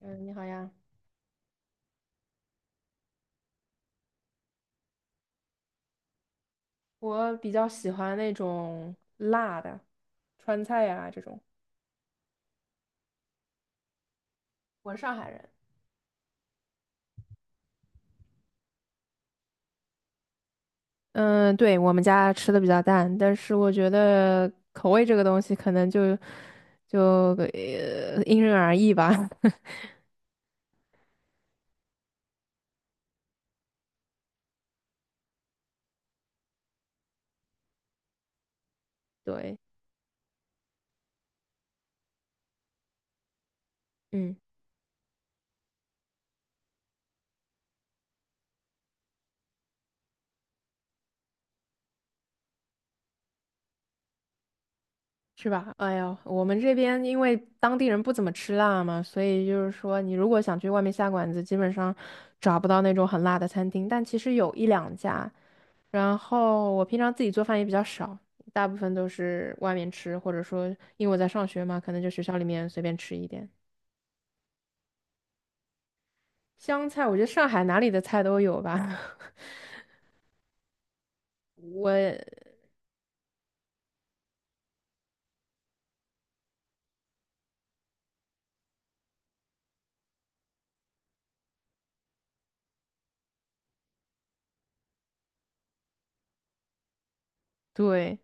嗯，你好呀。我比较喜欢那种辣的，川菜呀、这种。我是上海人。嗯，对，我们家吃的比较淡，但是我觉得口味这个东西可能就因人而异吧。对，嗯。是吧？哎呀，我们这边因为当地人不怎么吃辣嘛，所以就是说，你如果想去外面下馆子，基本上找不到那种很辣的餐厅。但其实有一两家，然后我平常自己做饭也比较少，大部分都是外面吃，或者说因为我在上学嘛，可能就学校里面随便吃一点。香菜，我觉得上海哪里的菜都有吧。我对，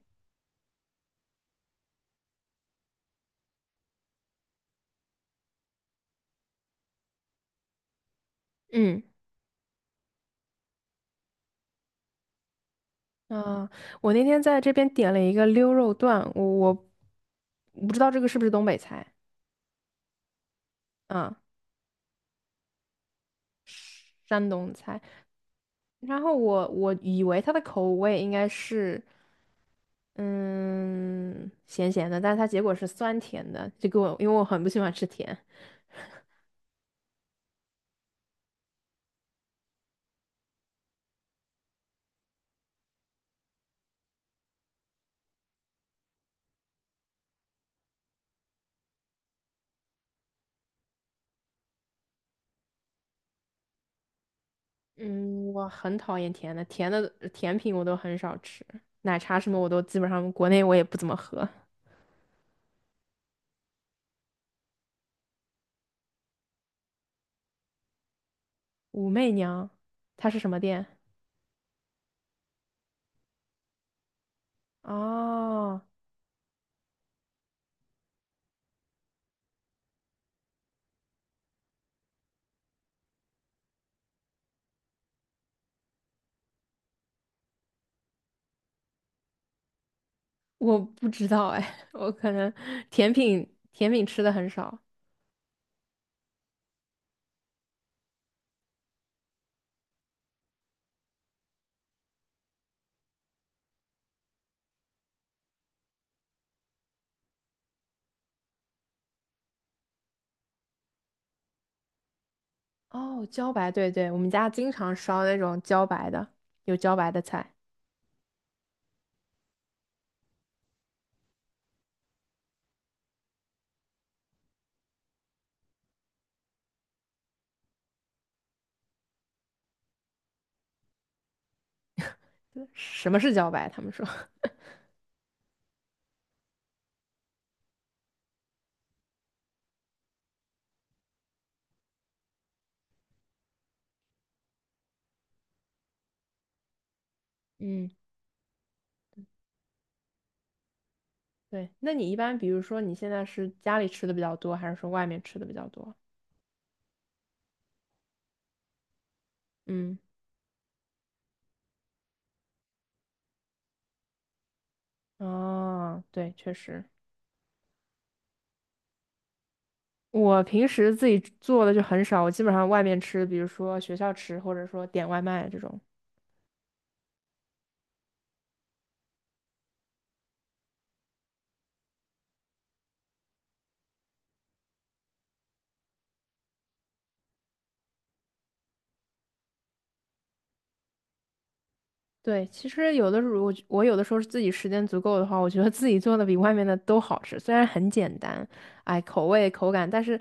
嗯。啊，我那天在这边点了一个溜肉段，我不知道这个是不是东北菜啊，山东菜。然后我以为它的口味应该是嗯咸咸的，但是它结果是酸甜的，这个我因为我很不喜欢吃甜，嗯，我很讨厌甜的，甜的甜品我都很少吃，奶茶什么我都基本上国内我也不怎么喝。武媚娘，它是什么店？哦。我不知道哎，我可能甜品甜品吃的很少。哦，茭白，对对，我们家经常烧那种茭白的，有茭白的菜。什么是茭白？他们说。嗯，对。那你一般，比如说你现在是家里吃的比较多，还是说外面吃的比较多？嗯，哦，对，确实。我平时自己做的就很少，我基本上外面吃，比如说学校吃，或者说点外卖这种。对，其实有的时候我有的时候是自己时间足够的话，我觉得自己做的比外面的都好吃，虽然很简单，哎，口味口感，但是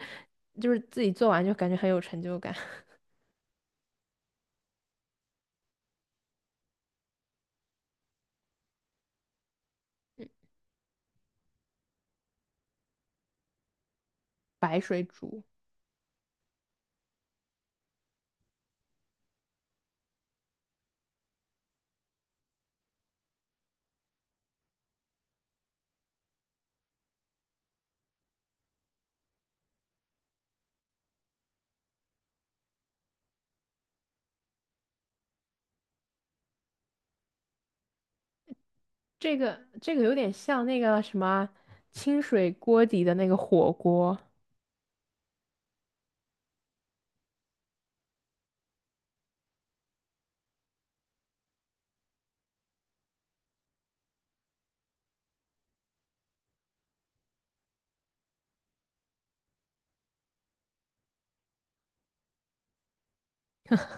就是自己做完就感觉很有成就感。白水煮这个这个有点像那个什么清水锅底的那个火锅。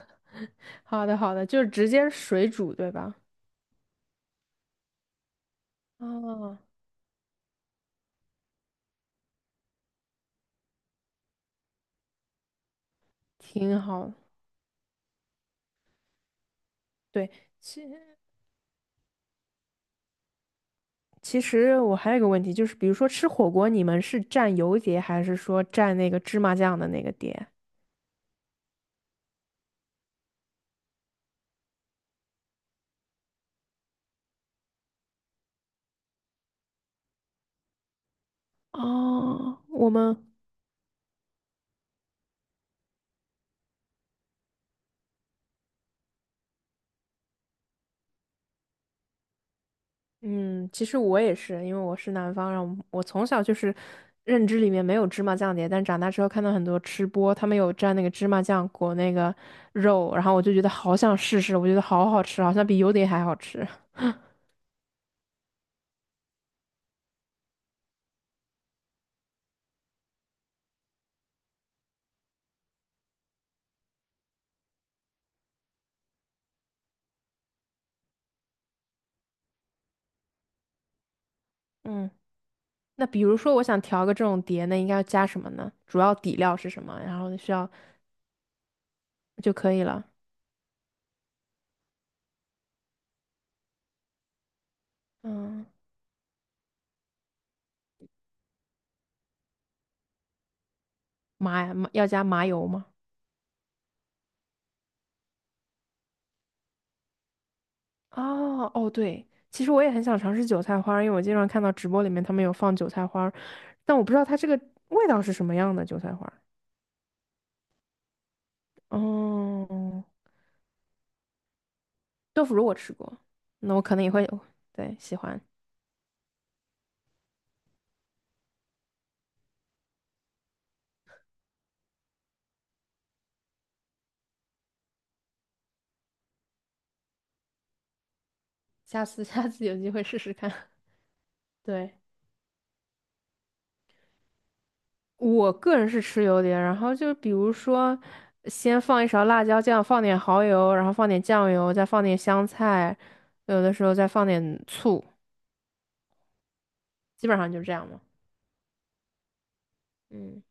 好的好的，就是直接水煮对吧？哦，挺好。对，其实我还有一个问题，就是比如说吃火锅，你们是蘸油碟还是说蘸那个芝麻酱的那个碟？哦，我们嗯，其实我也是，因为我是南方人，然后我从小就是认知里面没有芝麻酱碟，但长大之后看到很多吃播，他们有蘸那个芝麻酱裹那个肉，然后我就觉得好想试试，我觉得好好吃，好像比油碟还好吃。嗯，那比如说我想调个这种碟，那应该要加什么呢？主要底料是什么？然后需要就可以了。嗯。麻要加麻油吗？哦哦，对，其实我也很想尝试韭菜花儿因为我经常看到直播里面他们有放韭菜花儿但我不知道它这个味道是什么样的韭菜花儿哦，豆腐乳我吃过，那我可能也会，对，喜欢，下次 下次有机会试试看。对，我个人是吃油碟，然后就比如说，先放一勺辣椒酱，放点蚝油，然后放点酱油，再放点香菜，有的时候再放点醋，基本上就这样嘛。嗯。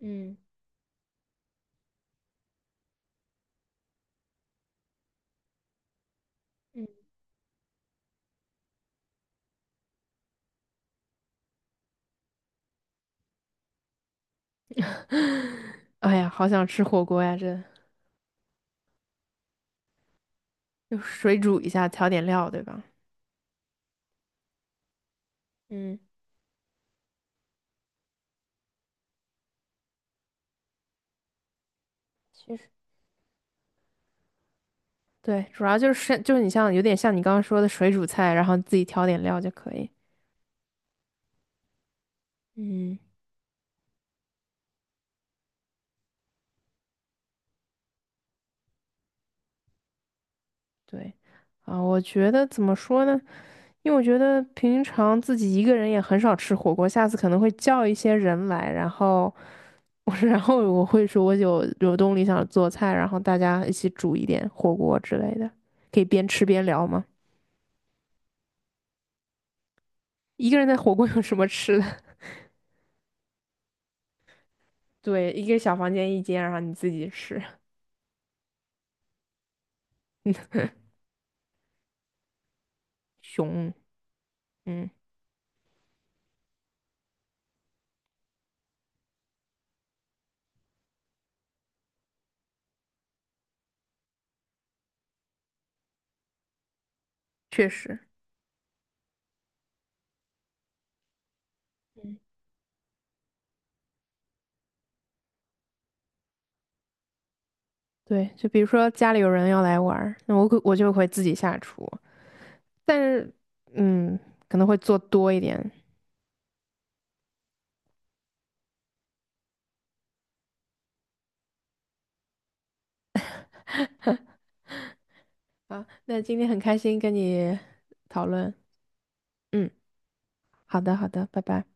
嗯嗯，哎呀，好想吃火锅呀！这就水煮一下，调点料，对吧？嗯，其实对，主要就是你像有点像你刚刚说的水煮菜，然后自己调点料就可以。嗯对，啊，我觉得怎么说呢？因为我觉得平常自己一个人也很少吃火锅，下次可能会叫一些人来，然后我 然后我会说我有动力想做菜，然后大家一起煮一点火锅之类的，可以边吃边聊吗？一个人在火锅有什么吃的？对，一个小房间一间，然后你自己吃。熊，嗯，确实，嗯，对，就比如说家里有人要来玩儿那我就会自己下厨，但是，嗯，可能会做多一点。啊，那今天很开心跟你讨论，嗯，好的，好的，拜拜。